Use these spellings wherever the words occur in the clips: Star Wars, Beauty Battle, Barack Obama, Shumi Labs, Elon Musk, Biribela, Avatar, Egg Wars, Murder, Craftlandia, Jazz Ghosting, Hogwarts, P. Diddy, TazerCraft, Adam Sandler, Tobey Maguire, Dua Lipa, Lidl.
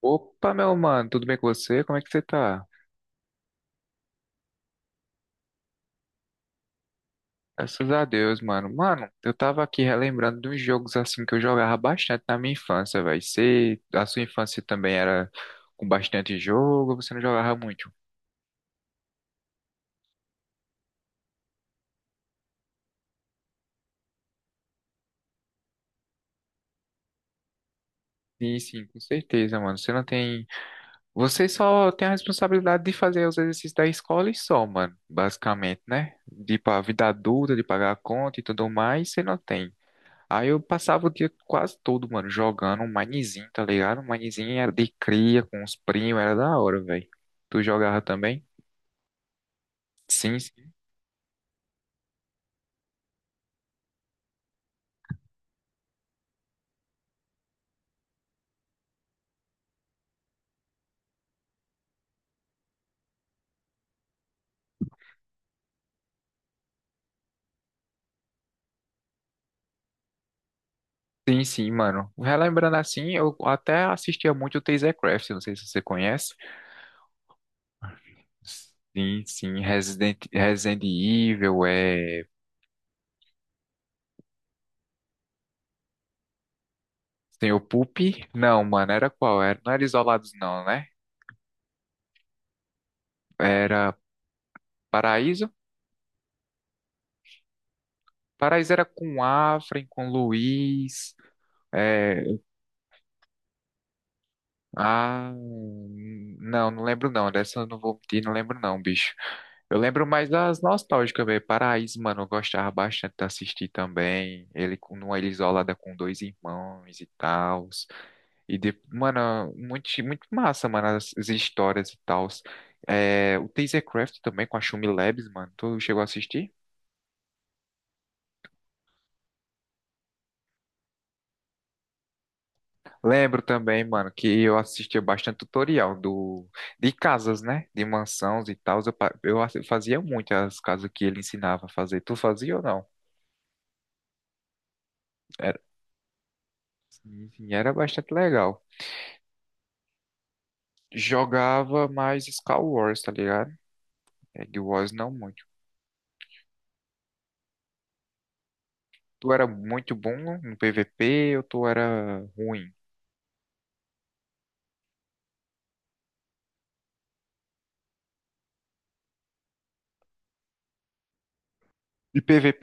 Opa, meu mano, tudo bem com você? Como é que você tá? Graças a Deus, mano. Mano, eu tava aqui relembrando de uns jogos assim que eu jogava bastante na minha infância, velho. Você, a sua infância também era com bastante jogo, você não jogava muito? Sim, sim, com certeza, mano. Você não tem. Você só tem a responsabilidade de fazer os exercícios da escola e só, mano. Basicamente, né? De ir pra vida adulta, de pagar a conta e tudo mais, você não tem. Aí eu passava o dia quase todo, mano, jogando um Minezinho, tá ligado? Um Minezinho era de cria com os primos, era da hora, velho. Tu jogava também? Sim, sim, sim, sim, mano. Relembrando assim, eu até assistia muito o TazerCraft, não sei se você conhece. Sim, sim, Resident Evil, é... Tem o Pup? Não, mano, era qual? Era... Não era Isolados não, né? Era Paraíso? Paraíso era com Afren, com Luiz, é, Ah, não, não lembro não. Dessa eu não vou mentir, não lembro não, bicho. Eu lembro mais das nostálgicas, velho. Paraíso, mano, eu gostava bastante de assistir também. Ele numa ilha isolada com dois irmãos e tal. E, de, mano, muito, muito massa, mano, as histórias e tal. É, o Tasercraft também com a Shumi Labs, mano. Tu chegou a assistir? Lembro também, mano, que eu assistia bastante tutorial do de casas, né? De mansões e tal. Eu, pa- eu assi- fazia muito as casas que ele ensinava a fazer. Tu fazia ou não? Era, sim, sim, era bastante legal. Jogava mais Star Wars, tá ligado? Egg Wars não muito. Tu era muito bom no PVP ou tu era ruim? E PVP?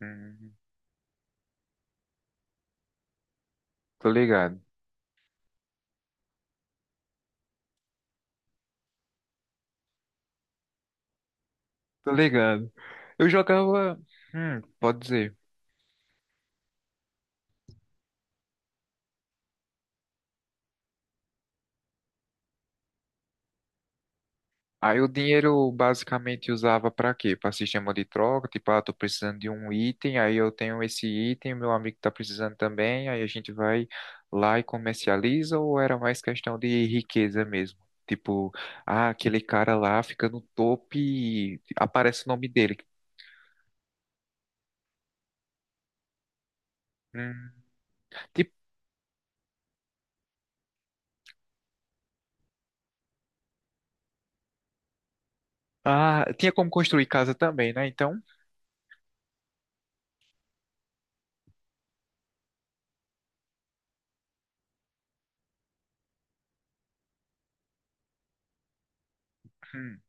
Hum, tô ligado. Tô ligado. Eu jogava. Pode dizer. Aí o dinheiro basicamente usava para quê? Para sistema de troca, tipo, ah, tô precisando de um item, aí eu tenho esse item, meu amigo tá precisando também, aí a gente vai lá e comercializa, ou era mais questão de riqueza mesmo? Tipo, ah, aquele cara lá fica no topo e aparece o nome dele. Hum, tipo, ah, tinha como construir casa também, né? Então, hum.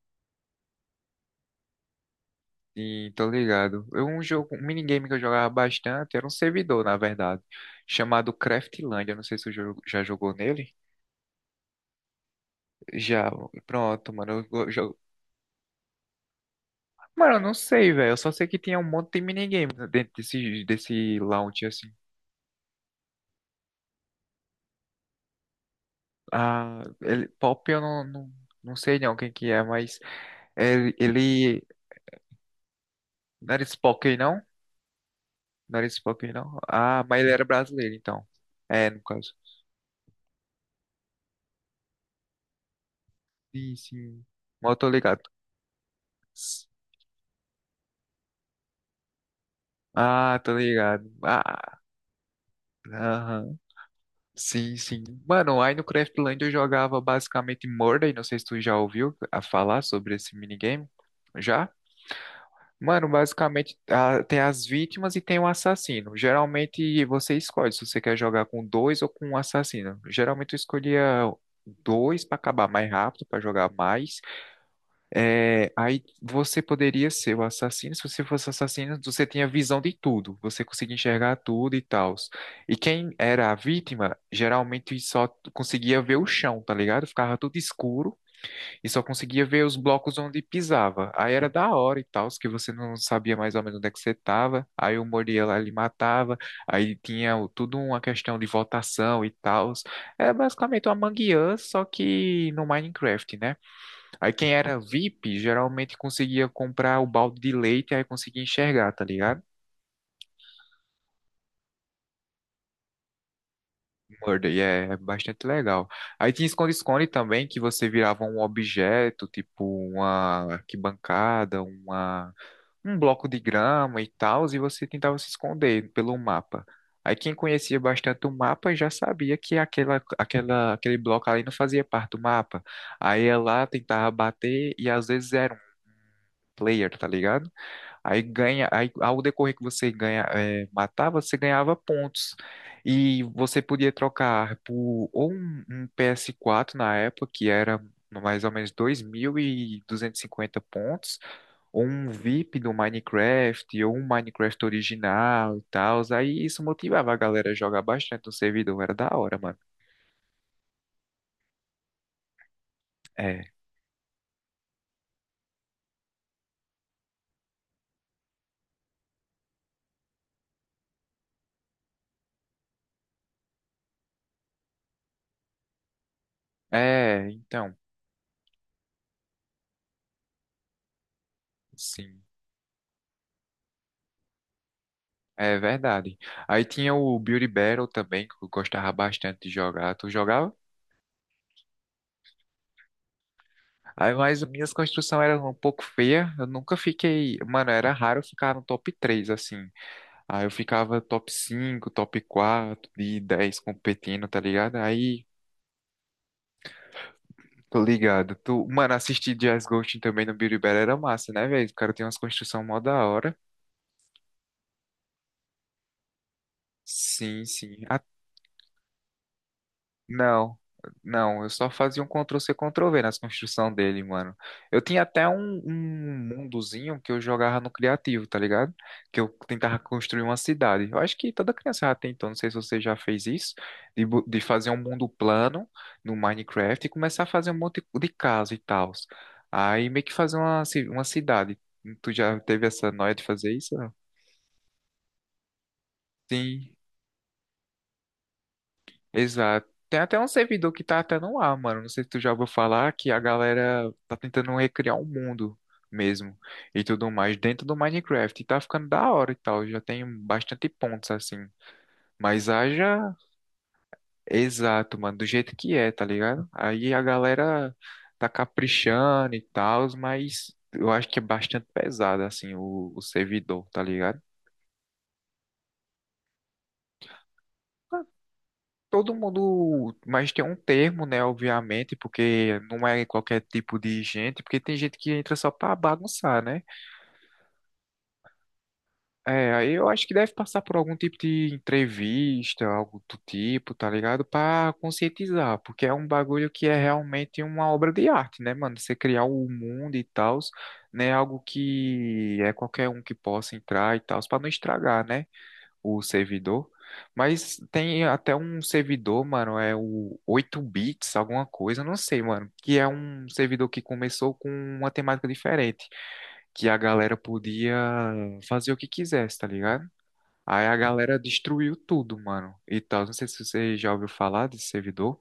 Sim, tô ligado. Um jogo, um minigame que eu jogava bastante, era um servidor, na verdade, chamado Craftlandia. Não sei se você já jogou nele. Já, pronto, mano. Jogo. Mano, eu não sei, velho. Eu só sei que tinha um monte de minigame dentro desse lounge, assim. Ah, ele, Pop eu não sei não quem que é, mas ele não era Spock, não? Não era Spock, não? Ah, mas ele era brasileiro, então. É, no caso. Sim, sim. Mas eu tô ligado. Ah, tô ligado. Ah, aham. Sim, sim. Mano, aí no Craftland eu jogava basicamente Murder, não sei se tu já ouviu a falar sobre esse minigame. Já? Mano, basicamente ah, tem as vítimas e tem o assassino. Geralmente você escolhe se você quer jogar com dois ou com um assassino. Geralmente eu escolhia dois pra acabar mais rápido, pra jogar mais. É, aí você poderia ser o assassino. Se você fosse assassino, você tinha visão de tudo, você conseguia enxergar tudo e tal. E quem era a vítima, geralmente só conseguia ver o chão, tá ligado? Ficava tudo escuro e só conseguia ver os blocos onde pisava. Aí era da hora e tal, que você não sabia mais ou menos onde é que você tava. Aí o Moriel ali matava, aí tinha tudo uma questão de votação e tal. É basicamente uma mangueira, só que no Minecraft, né? Aí quem era VIP geralmente conseguia comprar o balde de leite aí conseguia enxergar, tá ligado? Murder, e é bastante legal. Aí tinha esconde-esconde também, que você virava um objeto, tipo uma arquibancada, um bloco de grama e tal, e você tentava se esconder pelo mapa. Aí quem conhecia bastante o mapa já sabia que aquele bloco ali não fazia parte do mapa. Aí ia lá, tentava bater e às vezes era um player, tá ligado? Aí ganha, aí ao decorrer que você ganha, é, matava, você ganhava pontos. E você podia trocar por ou um PS4 na época, que era mais ou menos dois mil e duzentos e cinquenta pontos, ou um VIP do Minecraft, ou um Minecraft original e tal. Aí isso motivava a galera a jogar bastante no servidor, era da hora, mano. É, é, então, sim. É verdade. Aí tinha o Beauty Battle também, que eu gostava bastante de jogar. Tu jogava? Aí, mas minhas construções eram um pouco feias. Eu nunca fiquei. Mano, era raro eu ficar no top 3 assim. Aí eu ficava top 5, top 4 de 10 competindo, tá ligado? Aí, tô ligado. Tu... Mano, assistir Jazz Ghosting também no Biribela era massa, né, velho? O cara tem umas construções mó da hora. Sim, sim. Não, não, eu só fazia um Ctrl-C, Ctrl-V nas construções dele, mano. Eu tinha até um mundozinho que eu jogava no criativo, tá ligado? Que eu tentava construir uma cidade. Eu acho que toda criança já tentou, não sei se você já fez isso, de fazer um mundo plano no Minecraft e começar a fazer um monte de casa e tal. Aí meio que fazer uma cidade. Tu já teve essa noia de fazer isso? Não? Sim. Exato. Tem até um servidor que tá até no ar, mano. Não sei se tu já ouviu falar que a galera tá tentando recriar um mundo mesmo e tudo mais dentro do Minecraft. E tá ficando da hora e tal. Já tem bastante pontos assim. Mas haja exato, mano, do jeito que é, tá ligado? Aí a galera tá caprichando e tal, mas eu acho que é bastante pesado assim o servidor, tá ligado? Todo mundo, mas tem um termo, né, obviamente, porque não é qualquer tipo de gente, porque tem gente que entra só pra bagunçar, né? É, aí eu acho que deve passar por algum tipo de entrevista, algo do tipo, tá ligado? Pra conscientizar, porque é um bagulho que é realmente uma obra de arte, né, mano? Você criar o mundo e tal, né? Algo que é qualquer um que possa entrar e tal, pra não estragar, né? O servidor. Mas tem até um servidor, mano, é o 8 bits, alguma coisa, não sei, mano, que é um servidor que começou com uma temática diferente, que a galera podia fazer o que quisesse, tá ligado? Aí a galera destruiu tudo, mano. E tal, não sei se você já ouviu falar desse servidor.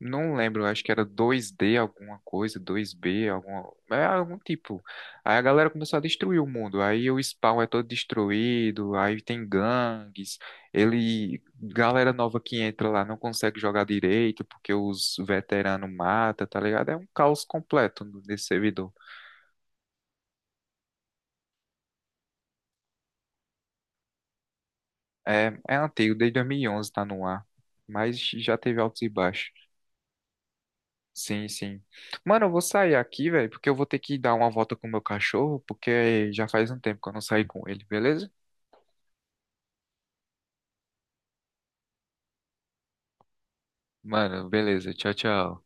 Não lembro, acho que era 2D alguma coisa, 2B, alguma, é algum tipo. Aí a galera começou a destruir o mundo. Aí o spawn é todo destruído, aí tem gangues. Ele, galera nova que entra lá não consegue jogar direito porque os veteranos matam, tá ligado? É um caos completo nesse servidor. É, é antigo, desde 2011 tá no ar, mas já teve altos e baixos. Sim, sim. Mano, eu vou sair aqui, velho, porque eu vou ter que dar uma volta com o meu cachorro, porque já faz um tempo que eu não saí com ele, beleza? Mano, beleza. Tchau, tchau.